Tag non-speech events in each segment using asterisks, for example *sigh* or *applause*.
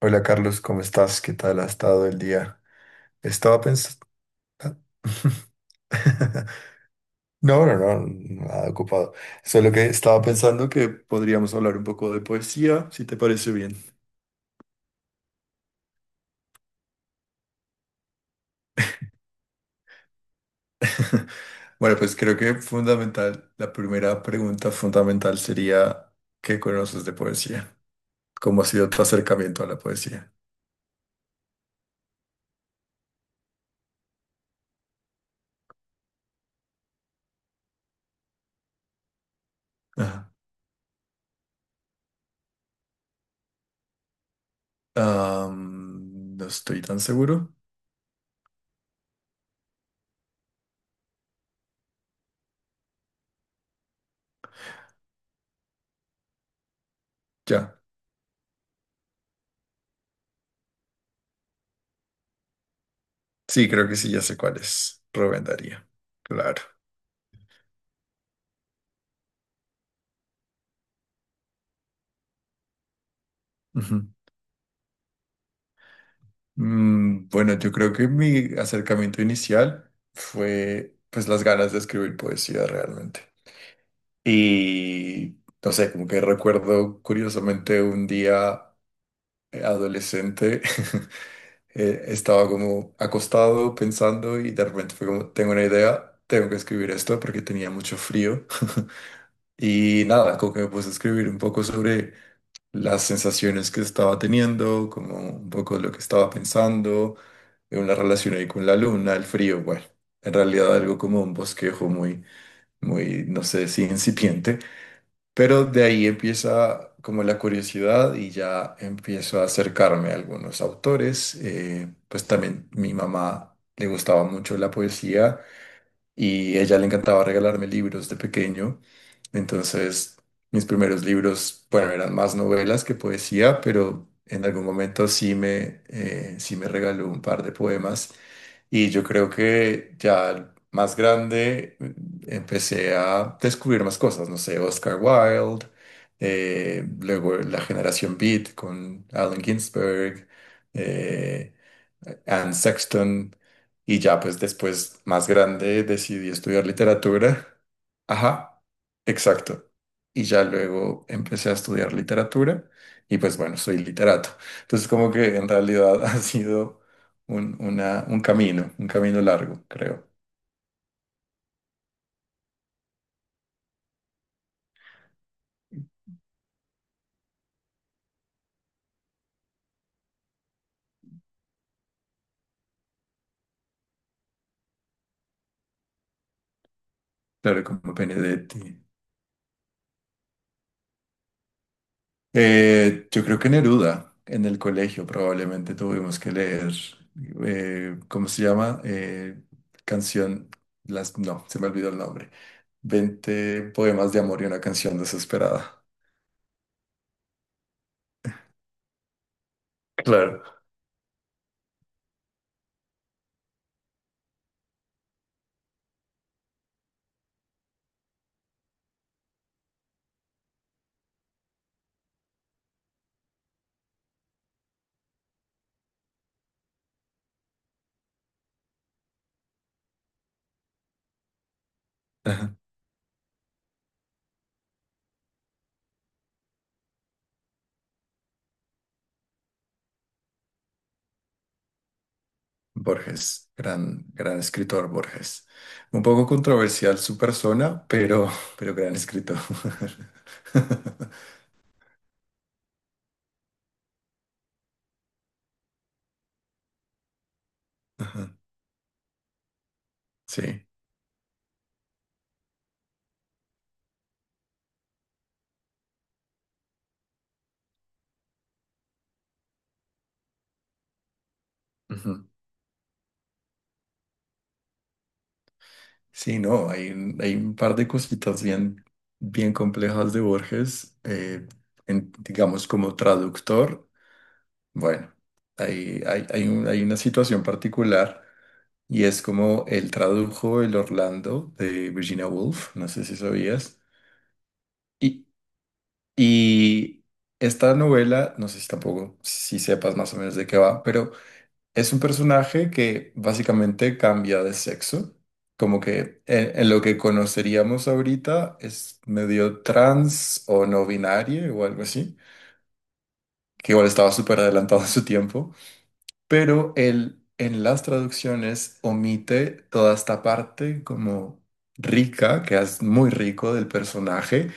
Hola Carlos, ¿cómo estás? ¿Qué tal ha estado el día? Estaba pensando... *laughs* No, no, no, nada ocupado. Solo que estaba pensando que podríamos hablar un poco de poesía, si te parece bien. *laughs* Bueno, pues creo que fundamental, la primera pregunta fundamental sería, ¿qué conoces de poesía? ¿Cómo ha sido tu acercamiento a la poesía? Ajá. No estoy tan seguro. Ya. Sí, creo que sí, ya sé cuál es. Rubén Darío. Claro. Mm, bueno, yo creo que mi acercamiento inicial fue pues las ganas de escribir poesía realmente. Y no sé, como que recuerdo curiosamente un día adolescente, *laughs* estaba como acostado pensando y de repente fue como, tengo una idea, tengo que escribir esto porque tenía mucho frío. *laughs* Y nada, como que me puse a escribir un poco sobre las sensaciones que estaba teniendo, como un poco lo que estaba pensando, en una relación ahí con la luna, el frío, bueno, en realidad algo como un bosquejo muy, muy, no sé si incipiente, pero de ahí empieza como la curiosidad y ya empiezo a acercarme a algunos autores, pues también mi mamá le gustaba mucho la poesía y ella le encantaba regalarme libros de pequeño. Entonces, mis primeros libros, bueno, eran más novelas que poesía, pero en algún momento sí me regaló un par de poemas. Y yo creo que ya más grande mm, empecé a descubrir más cosas, no sé, Oscar Wilde, luego la generación Beat con Allen Ginsberg. eh, Anne Sexton. Y ya pues después, más grande, decidí estudiar literatura. Ajá, exacto. Y ya luego empecé a estudiar literatura y pues bueno, soy literato. Entonces como que en realidad *laughs* ha sido un, un camino largo, creo. Claro, como Benedetti. Yo creo que Neruda, en el colegio probablemente tuvimos que leer, ¿cómo se llama? Canción, las, no, se me olvidó el nombre. 20 poemas de amor y una canción desesperada. Claro. Ajá. Borges, gran, gran escritor Borges. Un poco controversial su persona, pero gran escritor. *laughs* Ajá, sí. Ujú. Sí, no, hay, hay un par de cositas bien, bien complejas de Borges, digamos como traductor. Bueno, hay hay una situación particular y es como él tradujo el Orlando de Virginia Woolf, no sé si sabías. Y, y esta novela, no sé si tampoco, si sepas más o menos de qué va, pero es un personaje que básicamente cambia de sexo, como que en lo que conoceríamos ahorita es medio trans o no binario o algo así, que igual estaba súper adelantado a su tiempo. Pero él en las traducciones omite toda esta parte como rica, que es muy rico del personaje,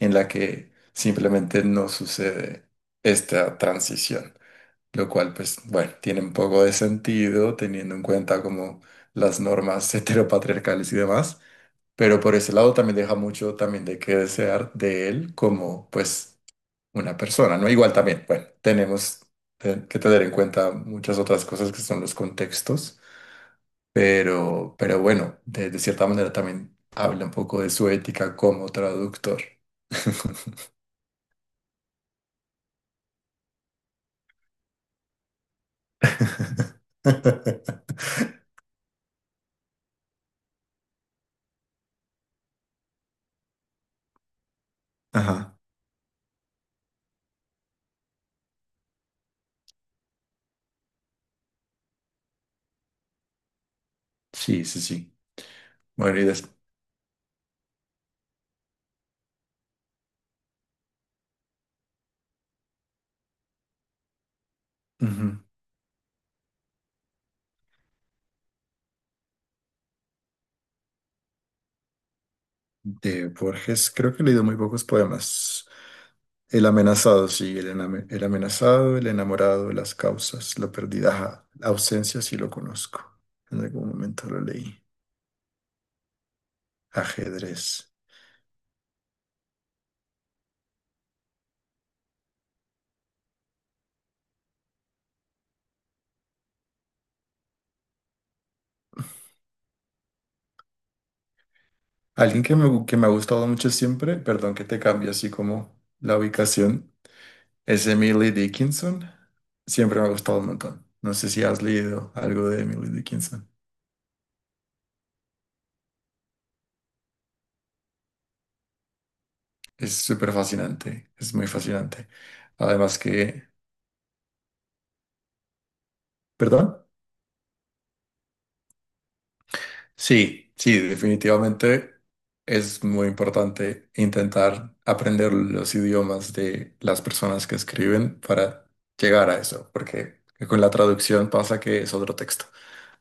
en la que simplemente no sucede esta transición, lo cual pues bueno, tiene un poco de sentido teniendo en cuenta como las normas *laughs* heteropatriarcales y demás, pero por ese lado también deja mucho también de qué desear de él como pues una persona, ¿no? Igual también, bueno, tenemos que tener en cuenta muchas otras cosas que son los contextos, pero bueno, de cierta manera también habla un poco de su ética como traductor. *laughs* Ajá, sí, sí, sí. Bueno, y ujú. De Borges, creo que he leído muy pocos poemas. El amenazado, sí, el, el amenazado, el enamorado, las causas, la pérdida, ajá, la ausencia, sí lo conozco. En algún momento lo leí. Ajedrez. Alguien que me ha gustado mucho siempre, perdón que te cambie así como la ubicación, es Emily Dickinson. Siempre me ha gustado un montón. No sé si has leído algo de Emily Dickinson. Es súper fascinante, es muy fascinante. Además que, ¿perdón? Sí, sí, definitivamente es muy importante intentar aprender los idiomas de las personas que escriben para llegar a eso, porque con la traducción pasa que es otro texto.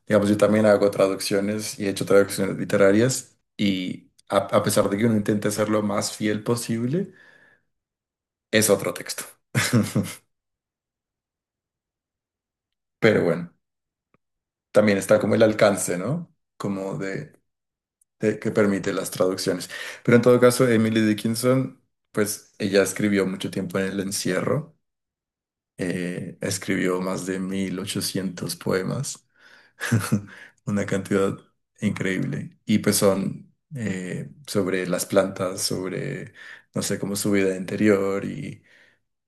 Digamos, yo también hago traducciones y he hecho traducciones literarias y a pesar de que uno intente ser lo más fiel posible, es otro texto. *laughs* Pero bueno, también está como el alcance, ¿no? Como de, que permite las traducciones. Pero en todo caso, Emily Dickinson, pues ella escribió mucho tiempo en el encierro, escribió más de 1800 poemas. *laughs* Una cantidad increíble. Y pues son sobre las plantas, sobre, no sé, cómo su vida interior y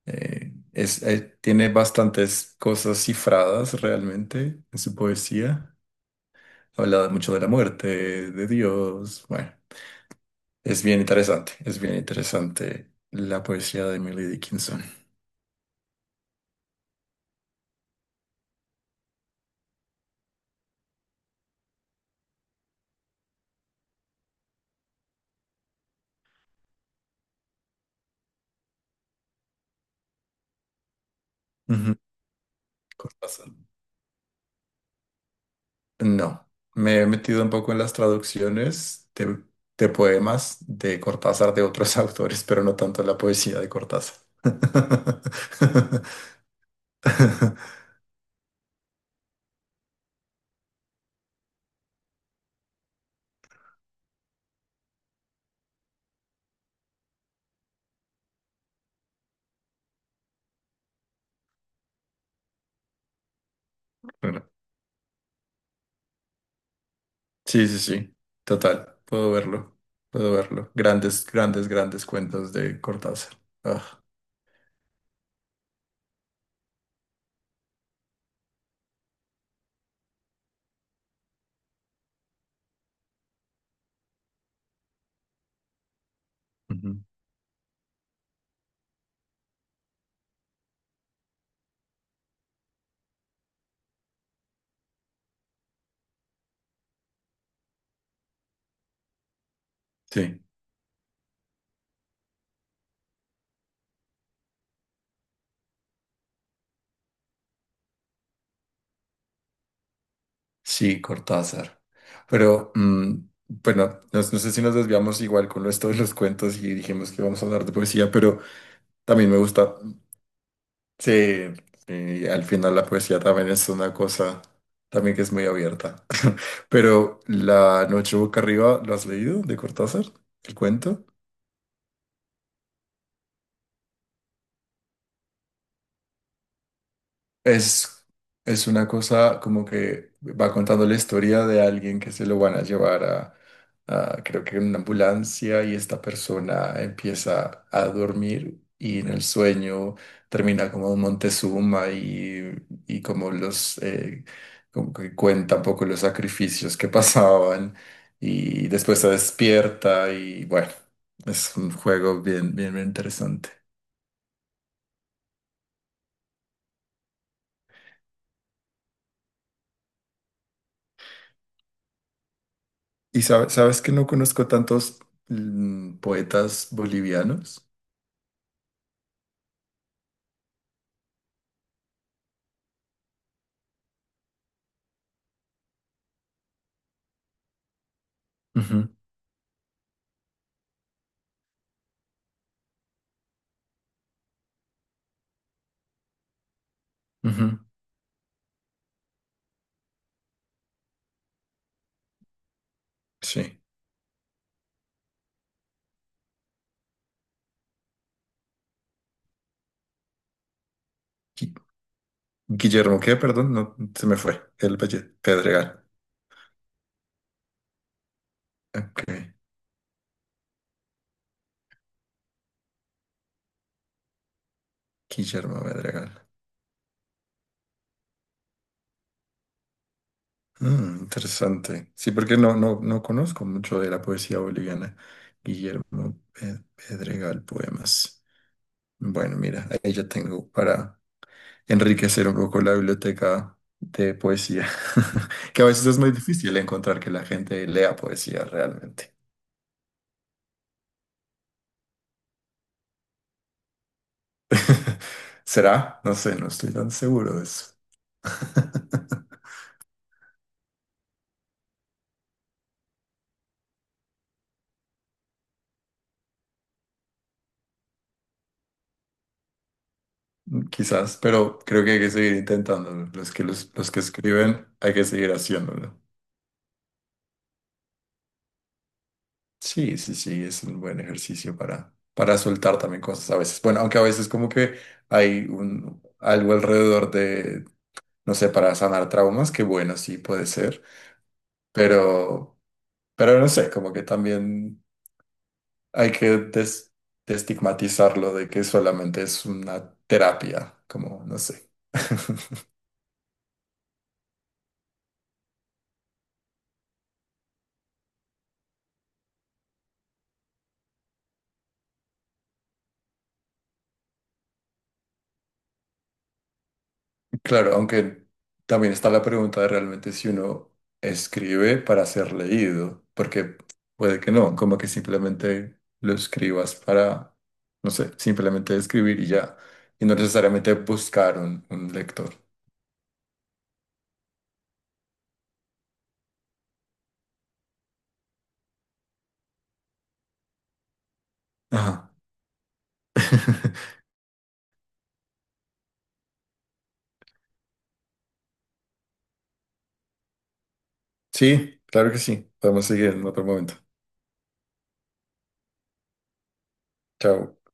es, tiene bastantes cosas cifradas realmente en su poesía. Habla mucho de la muerte, de Dios. Bueno, es bien interesante la poesía de Emily Dickinson. Ujú. Cortázar. No, me he metido un poco en las traducciones de poemas de Cortázar de otros *laughs* autores, pero no tanto en la poesía de Cortázar. *laughs* Bueno, sí, sí, sí, total, puedo verlo, puedo verlo. Grandes, grandes, grandes cuentos de Cortázar. Ah, ujú. Sí, sí, Cortázar. Pero, mm, bueno, no, no sé si nos desviamos igual con esto de los cuentos y dijimos que vamos a hablar de poesía, pero también me gusta. Sí, y al final la poesía también es una cosa también que es muy abierta. *laughs* Pero La noche boca arriba, ¿lo has leído de Cortázar? ¿El cuento? Es, es una cosa como que va contando la historia de alguien que se lo van a llevar a, creo que en una ambulancia y esta persona empieza a dormir y en el sueño termina como Montezuma y como los, como que cuenta un poco los sacrificios que *laughs* pasaban y después se despierta y bueno, es un juego bien, bien, bien interesante. Y sabes que no conozco tantos mm, poetas bolivianos. Ujú, ujú, sí. Gui- Guillermo, ¿qué? Perdón, no, se me fue. Pedregal. Ok. Guillermo Pedregal. Mm, interesante. Sí, porque no, no, no conozco mucho de la poesía boliviana. Guillermo Pedregal, poemas. Bueno, mira, ahí ya tengo para enriquecer un poco la biblioteca de poesía, *laughs* que a veces es muy difícil encontrar que la gente lea poesía realmente. *laughs* ¿Será? No sé, no estoy tan seguro de eso. *laughs* Quizás, pero creo que hay que seguir intentándolo. Los que escriben, hay que seguir haciéndolo. Sí, sí, sí, es un buen ejercicio para soltar también cosas a veces. Bueno, aunque a veces como que hay un, algo alrededor de, no sé, para sanar traumas, que bueno, sí puede ser. Pero, pero no sé, como que también hay que destigmatizarlo de que solamente es una terapia, como no sé. *laughs* Claro, aunque también está la pregunta de realmente si uno escribe para ser leído, porque puede que no, como que simplemente lo escribas para, no sé, simplemente escribir y ya, y no necesariamente buscar un lector. Ajá. *laughs* Sí, claro que sí. Podemos seguir en otro momento. Chao.